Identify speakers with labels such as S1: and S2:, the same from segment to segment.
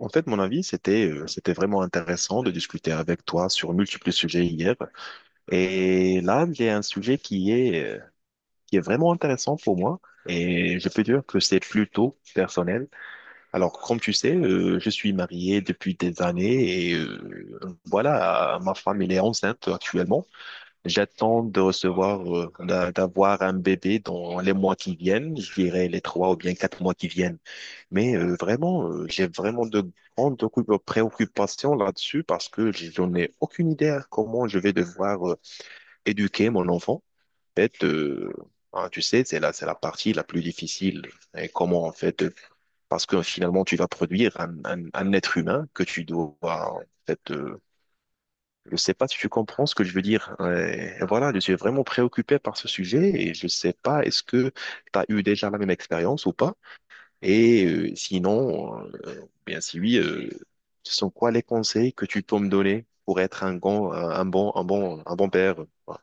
S1: En fait, mon avis, c'était c'était vraiment intéressant de discuter avec toi sur multiples sujets hier. Et là, j'ai un sujet qui est vraiment intéressant pour moi. Et je peux dire que c'est plutôt personnel. Alors, comme tu sais, je suis marié depuis des années et voilà, ma femme, elle est enceinte actuellement. J'attends de recevoir, d'avoir un bébé dans les mois qui viennent, je dirais les trois ou bien quatre mois qui viennent. Vraiment, j'ai vraiment de grandes préoccupations là-dessus parce que j'en ai aucune idée à comment je vais devoir éduquer mon enfant. En fait, hein, tu sais, c'est la partie la plus difficile. Et comment, en fait, parce que finalement, tu vas produire un être humain que tu dois, en fait, je sais pas si tu comprends ce que je veux dire. Ouais. Et voilà, je suis vraiment préoccupé par ce sujet et je sais pas, est-ce que tu as eu déjà la même expérience ou pas? Et sinon, bien si oui, ce sont quoi les conseils que tu peux me donner pour être un bon, un bon père? Voilà,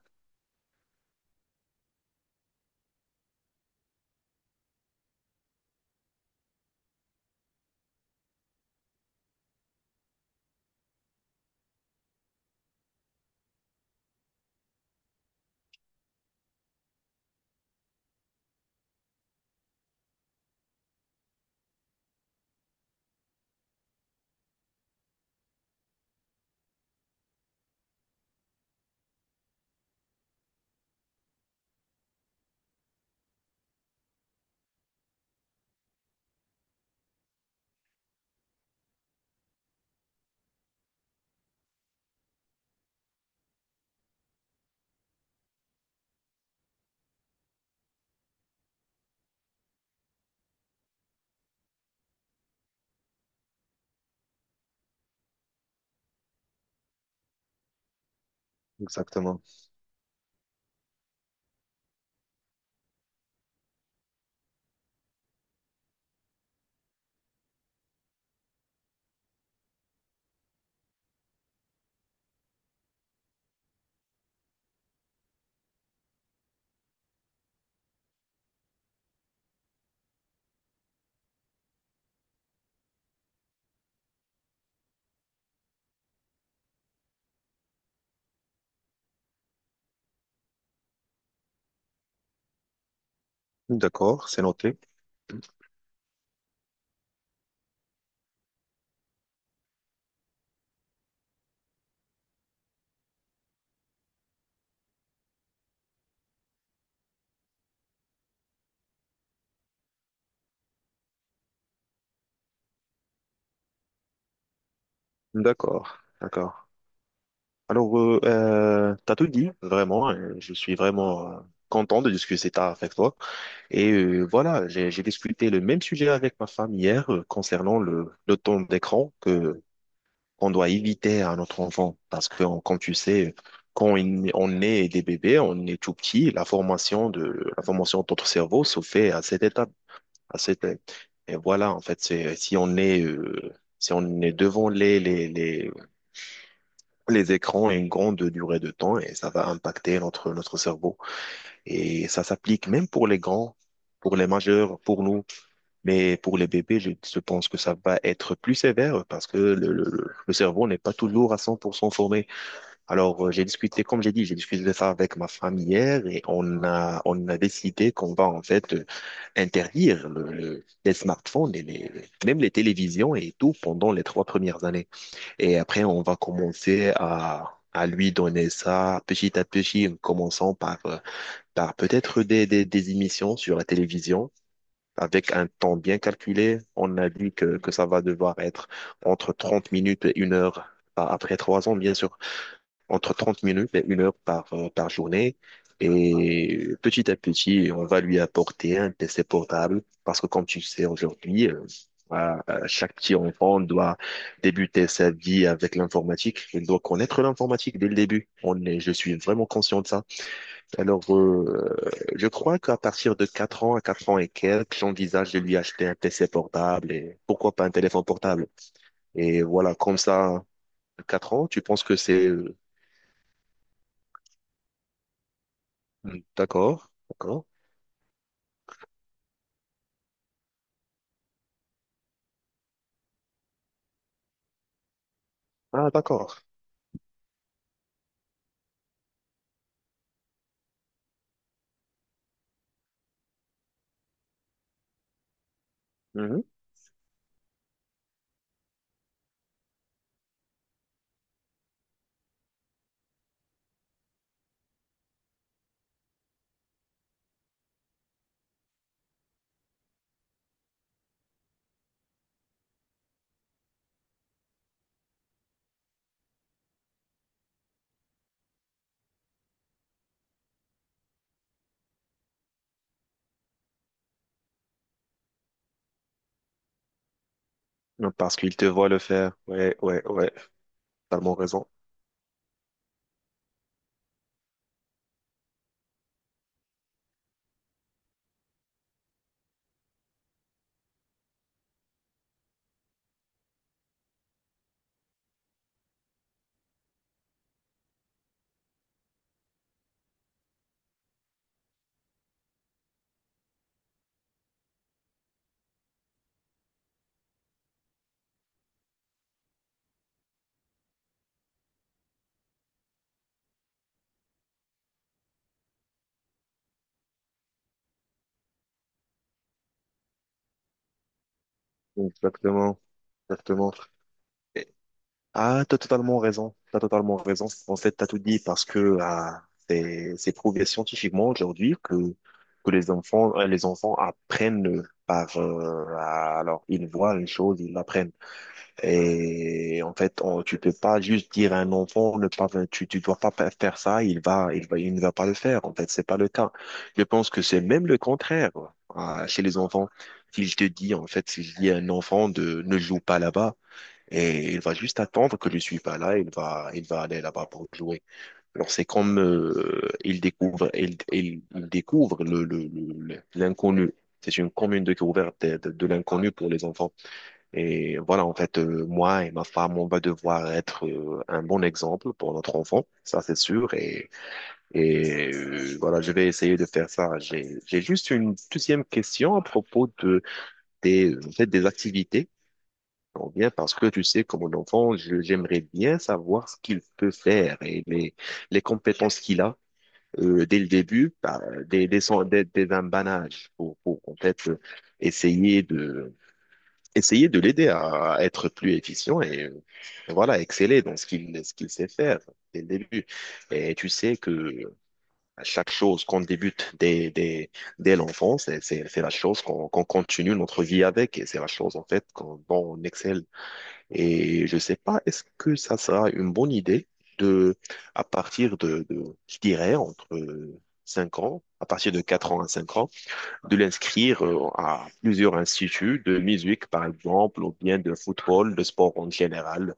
S1: exactement. D'accord, c'est noté. D'accord, d'accord. Alors, t'as tout dit, vraiment. Je suis vraiment content de discuter ça avec toi. Et voilà, j'ai discuté le même sujet avec ma femme hier concernant le temps d'écran que qu'on doit éviter à notre enfant. Parce que, comme tu sais, on est des bébés, on est tout petit, la formation de notre cerveau se fait à cette étape, à cette, et voilà, en fait, c'est, si on est devant les écrans une grande durée de temps, et ça va impacter notre cerveau. Et ça s'applique même pour les grands, pour les majeurs, pour nous. Mais pour les bébés, je pense que ça va être plus sévère parce que le cerveau n'est pas toujours à 100% formé. Alors, j'ai discuté, comme j'ai dit, j'ai discuté de ça avec ma famille hier et on a décidé qu'on va en fait interdire les smartphones et les, même les télévisions et tout pendant les trois premières années. Et après, on va commencer à lui donner ça petit à petit, en commençant par, par peut-être des émissions sur la télévision. Avec un temps bien calculé, on a dit que ça va devoir être entre 30 minutes et une heure, après trois ans, bien sûr entre 30 minutes et une heure par, par journée. Et petit à petit, on va lui apporter un PC portable parce que comme tu le sais aujourd'hui, à chaque petit enfant doit débuter sa vie avec l'informatique. Il doit connaître l'informatique dès le début. Je suis vraiment conscient de ça. Alors, je crois qu'à partir de 4 ans à 4 ans et quelques, j'envisage de lui acheter un PC portable et pourquoi pas un téléphone portable. Et voilà, comme ça, 4 ans, tu penses que c'est Hmm, d'accord, d'accord. Ah, d'accord. Mhm. Non, parce qu'il te voit le faire. Ouais, ouais, ouais. Totalement raison. Exactement, exactement. Et- Ah, t'as totalement raison. T'as totalement raison. En fait, t'as tout dit parce que ah, c'est prouvé scientifiquement aujourd'hui que les enfants apprennent par alors ils voient une chose, ils l'apprennent. Et en fait, on, tu peux pas juste dire à un enfant, ne pas, tu dois pas faire ça, il ne va pas le faire. En fait, c'est pas le cas. Je pense que c'est même le contraire, quoi, à- chez les enfants. S'il te dis en fait, s'il dit à un enfant de ne joue pas là-bas, et il va juste attendre que je suis pas là, il va aller là-bas pour jouer. Alors, c'est comme, il découvre, il découvre l'inconnu. C'est une commune découverte de l'inconnu pour les enfants. Et voilà, en fait, moi et ma femme, on va devoir être un bon exemple pour notre enfant, ça c'est sûr. Et voilà, je vais essayer de faire ça. J'ai juste une deuxième question à propos de, des, en fait, des activités. On vient parce que tu sais, comme mon enfant, j'aimerais bien savoir ce qu'il peut faire et les compétences qu'il a dès le début, bah, dès un bas âge, pour en fait essayer de essayer de l'aider à être plus efficient et voilà, exceller dans ce qu'il sait faire dès le début. Et tu sais que à chaque chose qu'on débute dès l'enfance, c'est la chose qu'on continue notre vie avec et c'est la chose en fait qu'on, dont on excelle. Et je sais pas, est-ce que ça sera une bonne idée de, à partir de je dirais, entre 5 ans, à partir de 4 ans à 5 ans, de l'inscrire à plusieurs instituts de musique, par exemple, ou bien de football, de sport en général,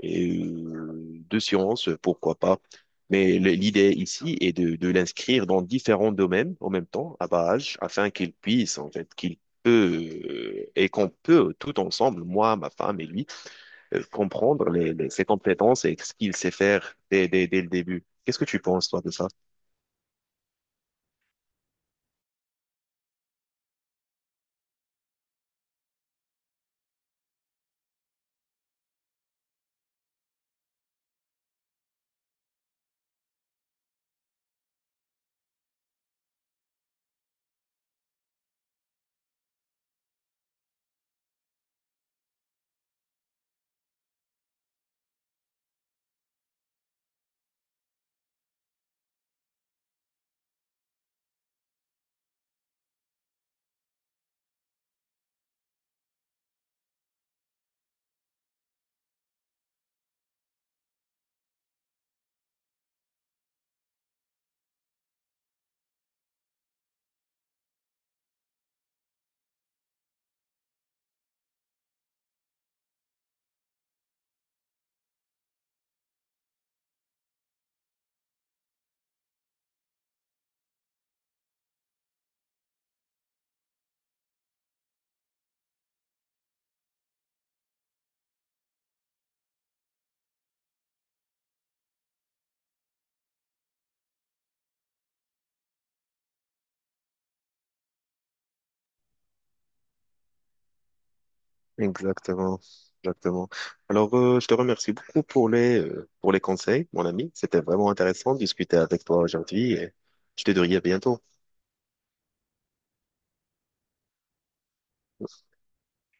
S1: et de sciences, pourquoi pas. Mais l'idée ici est de l'inscrire dans différents domaines en même temps, à bas âge, afin qu'il puisse, en fait, qu'il peut, et qu'on peut tout ensemble, moi, ma femme et lui, comprendre les, ses compétences et ce qu'il sait faire dès le début. Qu'est-ce que tu penses, toi, de ça? Exactement, exactement. Alors, je te remercie beaucoup pour les conseils, mon ami. C'était vraiment intéressant de discuter avec toi aujourd'hui et je te dirai à bientôt.